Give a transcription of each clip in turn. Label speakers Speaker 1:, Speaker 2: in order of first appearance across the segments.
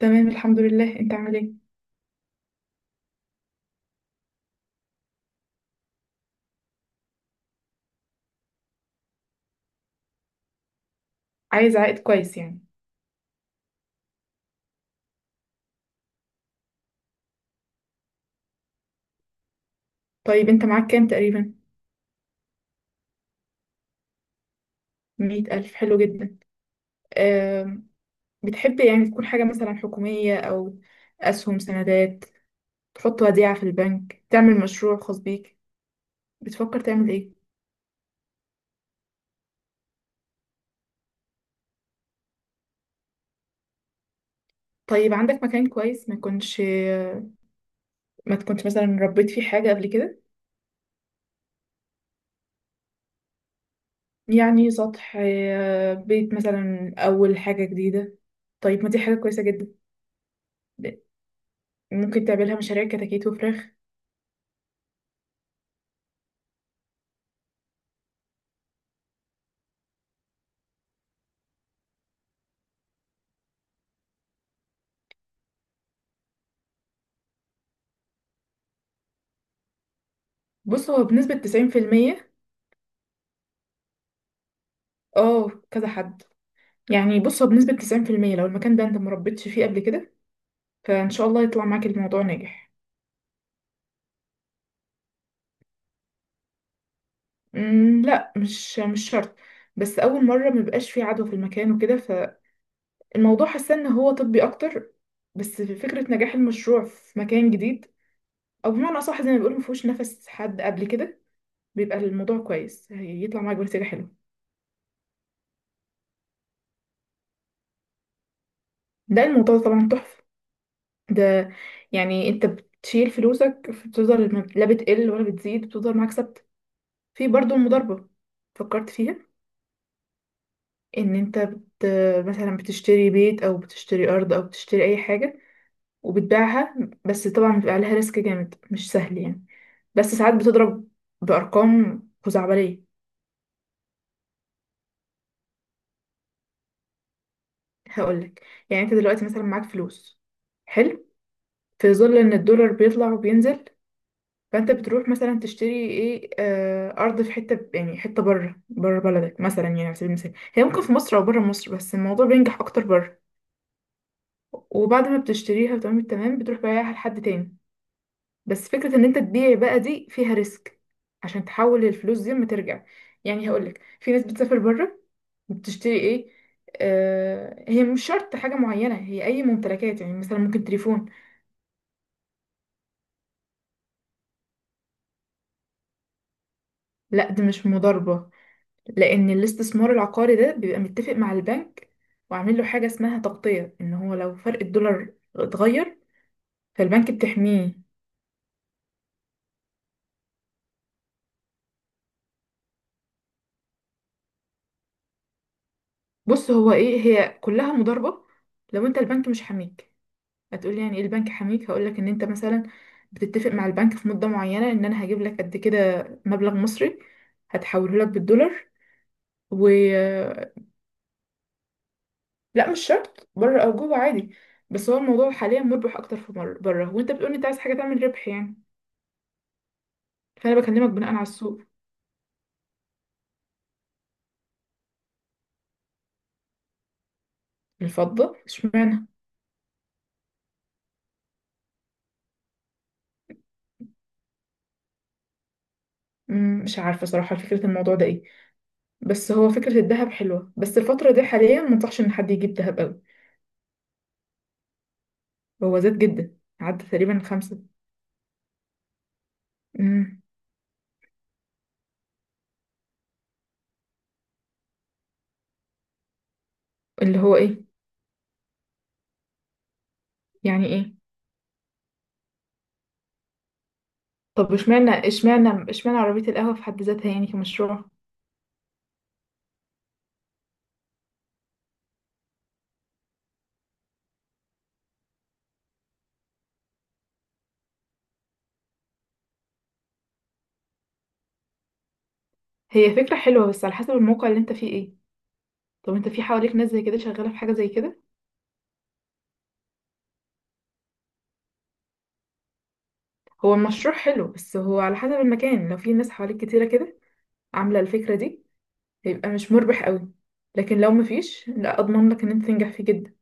Speaker 1: تمام، الحمد لله. انت عامل ايه؟ عايز عائد كويس يعني؟ طيب انت معاك كام تقريبا؟ 100 ألف، حلو جدا. أم. بتحب يعني تكون حاجة مثلا حكومية أو أسهم سندات، تحط وديعة في البنك، تعمل مشروع خاص بيك؟ بتفكر تعمل ايه؟ طيب عندك مكان كويس ما يكونش ما تكونش مثلا ربيت فيه حاجة قبل كده؟ يعني سطح، بيت مثلا، أول حاجة جديدة. طيب، ما دي حاجة كويسة جدا. ممكن تعملها مشاريع كتاكيت وفراخ. بص، هو بنسبة 90%. اه كذا حد. يعني بص هو بنسبة 90% لو المكان ده انت مربيتش فيه قبل كده، فان شاء الله يطلع معاك الموضوع ناجح. لا، مش شرط. بس اول مرة مبيبقاش فيه عدوى في المكان وكده، فالموضوع حاسة ان هو طبي اكتر. بس في فكرة نجاح المشروع في مكان جديد، او بمعنى اصح زي ما بيقولوا مفهوش نفس حد قبل كده، بيبقى الموضوع كويس، هيطلع معاك بنتيجة حلوة. ده الموضوع طبعا تحفة. ده يعني انت بتشيل فلوسك، بتفضل لا بتقل ولا بتزيد، بتفضل معاك ثابتة. في برضو المضاربة، فكرت فيها؟ ان انت بت... مثلا بتشتري بيت او بتشتري ارض او بتشتري اي حاجة وبتبيعها. بس طبعا بيبقى عليها ريسك جامد، مش سهل يعني. بس ساعات بتضرب بارقام خزعبلية. هقولك. يعني انت دلوقتي مثلا معاك فلوس، حلو. في ظل ان الدولار بيطلع وبينزل، فانت بتروح مثلا تشتري ايه ارض في حته، يعني حته بره بلدك مثلا، يعني على سبيل المثال، هي ممكن في مصر او بره مصر، بس الموضوع بينجح اكتر بره. وبعد ما بتشتريها وتمام التمام، بتروح بايعها لحد تاني. بس فكرة ان انت تبيع بقى دي فيها ريسك، عشان تحول الفلوس دي ما ترجع. يعني هقولك، في ناس بتسافر بره بتشتري ايه، هي مش شرط حاجة معينة، هي اي ممتلكات، يعني مثلا ممكن تليفون. لا، دي مش مضاربة، لان الاستثمار العقاري ده بيبقى متفق مع البنك، وعامل له حاجة اسمها تغطية، ان هو لو فرق الدولار اتغير فالبنك بتحميه. بص، هو ايه، هي كلها مضاربة لو انت البنك مش حاميك. هتقولي يعني ايه البنك حميك، هقولك ان انت مثلا بتتفق مع البنك في مدة معينة ان انا هجيب لك قد كده مبلغ مصري، هتحوله لك بالدولار، و... لا، مش شرط بره او جوه، عادي. بس هو الموضوع حاليا مربح اكتر في بره، وانت بتقولي انت عايز حاجة تعمل ربح يعني، فانا بكلمك بناء على السوق. الفضة؟ اشمعنى؟ مش عارفة صراحة فكرة الموضوع ده ايه. بس هو فكرة الذهب حلوة، بس الفترة دي حاليا منصحش ان حد يجيب ذهب قوي. هو زاد جدا، عدى تقريبا خمسة. مم، اللي هو ايه؟ يعني ايه؟ طب اشمعنى عربية القهوة في حد ذاتها يعني كمشروع؟ هي فكرة حلوة، بس على حسب الموقع اللي انت فيه ايه. طب انت في حواليك ناس زي كده شغالة في حاجة زي كده؟ هو المشروع حلو، بس هو على حسب المكان. لو في ناس حواليك كتيرة كده عاملة الفكرة دي، هيبقى مش مربح قوي. لكن لو مفيش، لا، اضمن لك ان انت تنجح فيه جدا.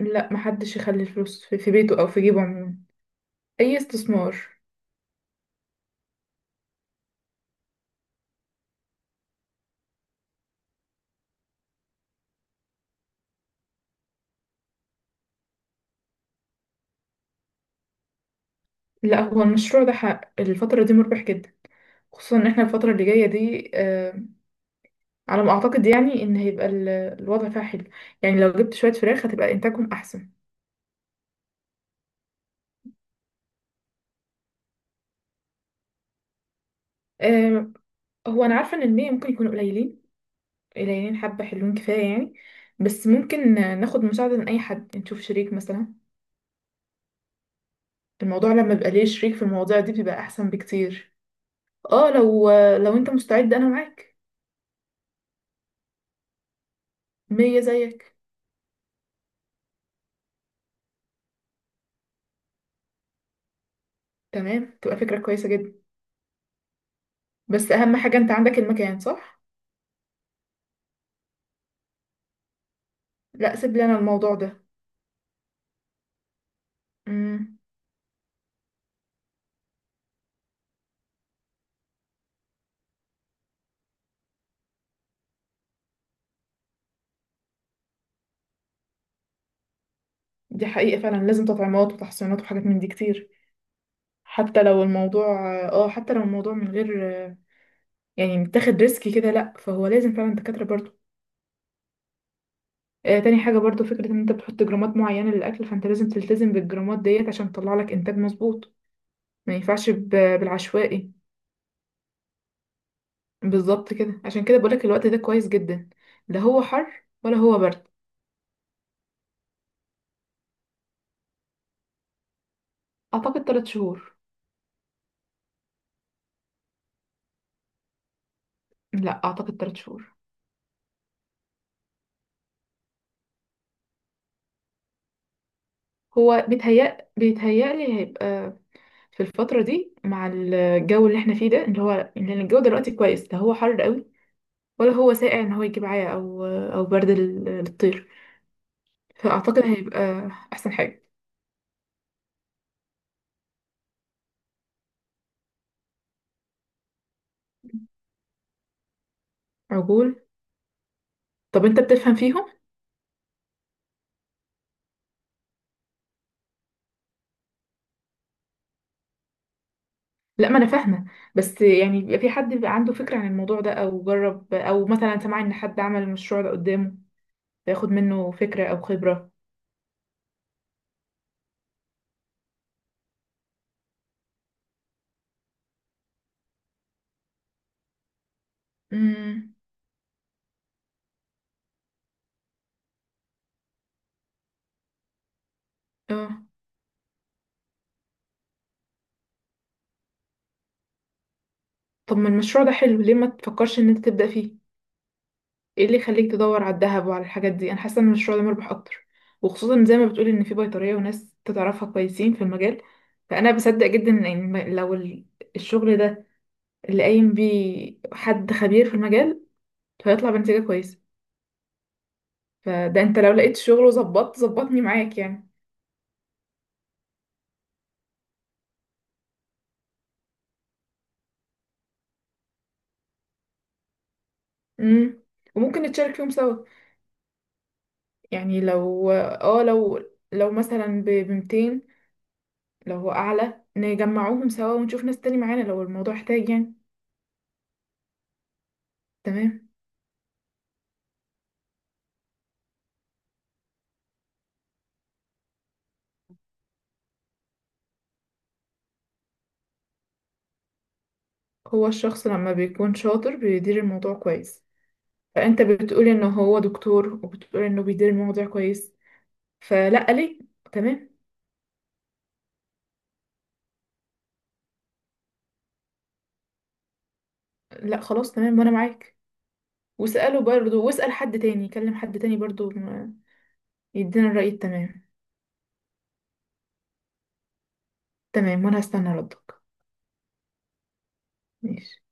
Speaker 1: لا، محدش يخلي الفلوس في بيته او في جيبه عموما. اي استثمار. لا، هو المشروع ده حق الفترة دي مربح جدا، خصوصا ان احنا الفترة اللي جاية دي، على ما اعتقد يعني، ان هيبقى الوضع فيها حلو. يعني لو جبت شويه فراخ هتبقى انتاجهم احسن. أه. هو انا عارفه ان المية ممكن يكونوا قليلين، قليلين حبه، حلوين كفايه يعني. بس ممكن ناخد مساعده من اي حد، نشوف شريك مثلا. الموضوع لما بيبقى ليه شريك في المواضيع دي بيبقى احسن بكتير. اه، لو انت مستعد انا معاك. مية زيك. تمام، تبقى فكره كويسه جدا. بس اهم حاجه انت عندك المكان، صح. لا، سيب لي انا الموضوع ده. امم دي حقيقه، فعلا لازم تطعيمات وتحصينات وحاجات من دي كتير. حتى لو الموضوع، اه حتى لو الموضوع من غير يعني متاخد ريسك كده، لا، فهو لازم فعلا دكاترة برضو. آه، تاني حاجة برضو، فكرة ان انت بتحط جرامات معينة للأكل، فانت لازم تلتزم بالجرامات ديت عشان تطلع لك انتاج مظبوط. ما ينفعش بالعشوائي، بالظبط كده. عشان كده بقولك الوقت ده كويس جدا، لا هو حر ولا هو برد. اعتقد 3 شهور. لا، اعتقد 3 شهور. هو بيتهيألي هيبقى في الفترة دي، مع الجو اللي احنا فيه ده، اللي هو لأن الجو دلوقتي كويس، لا هو حر قوي ولا هو ساقع، ان هو يجيب عيا او او برد للطير. فاعتقد هيبقى احسن حاجه. عجول. طب انت بتفهم فيهم؟ لا، ما انا فاهمه. بس يعني بيبقى في حد بيبقى عنده فكره عن الموضوع ده، او جرب، او مثلا سمع ان حد عمل المشروع ده قدامه، فياخد منه فكره او خبره. امم اه، طب ما المشروع ده حلو، ليه ما تفكرش ان انت تبدا فيه؟ ايه اللي يخليك تدور على الذهب وعلى الحاجات دي؟ انا حاسه ان المشروع ده مربح اكتر، وخصوصا زي ما بتقولي ان في بيطريه وناس تعرفها كويسين في المجال. فانا بصدق جدا ان لو الشغل ده اللي قايم بيه حد خبير في المجال، هيطلع بنتيجه كويسه. فده انت لو لقيت شغل وظبطت ظبطني معاك يعني. امم وممكن نتشارك فيهم سوا. يعني لو مثلا ب 200. لو هو اعلى نجمعوهم سوا، ونشوف ناس تاني معانا لو الموضوع احتاج يعني. تمام. هو الشخص لما بيكون شاطر بيدير الموضوع كويس، فانت بتقول ان هو دكتور وبتقول انه بيدير الموضوع كويس، فلا ليه. تمام. لا خلاص، تمام، وانا معاك. واساله برضه، واسال حد تاني، كلم حد تاني برضه يدينا الرأي التمام. تمام، وانا هستنى ردك. ماشي.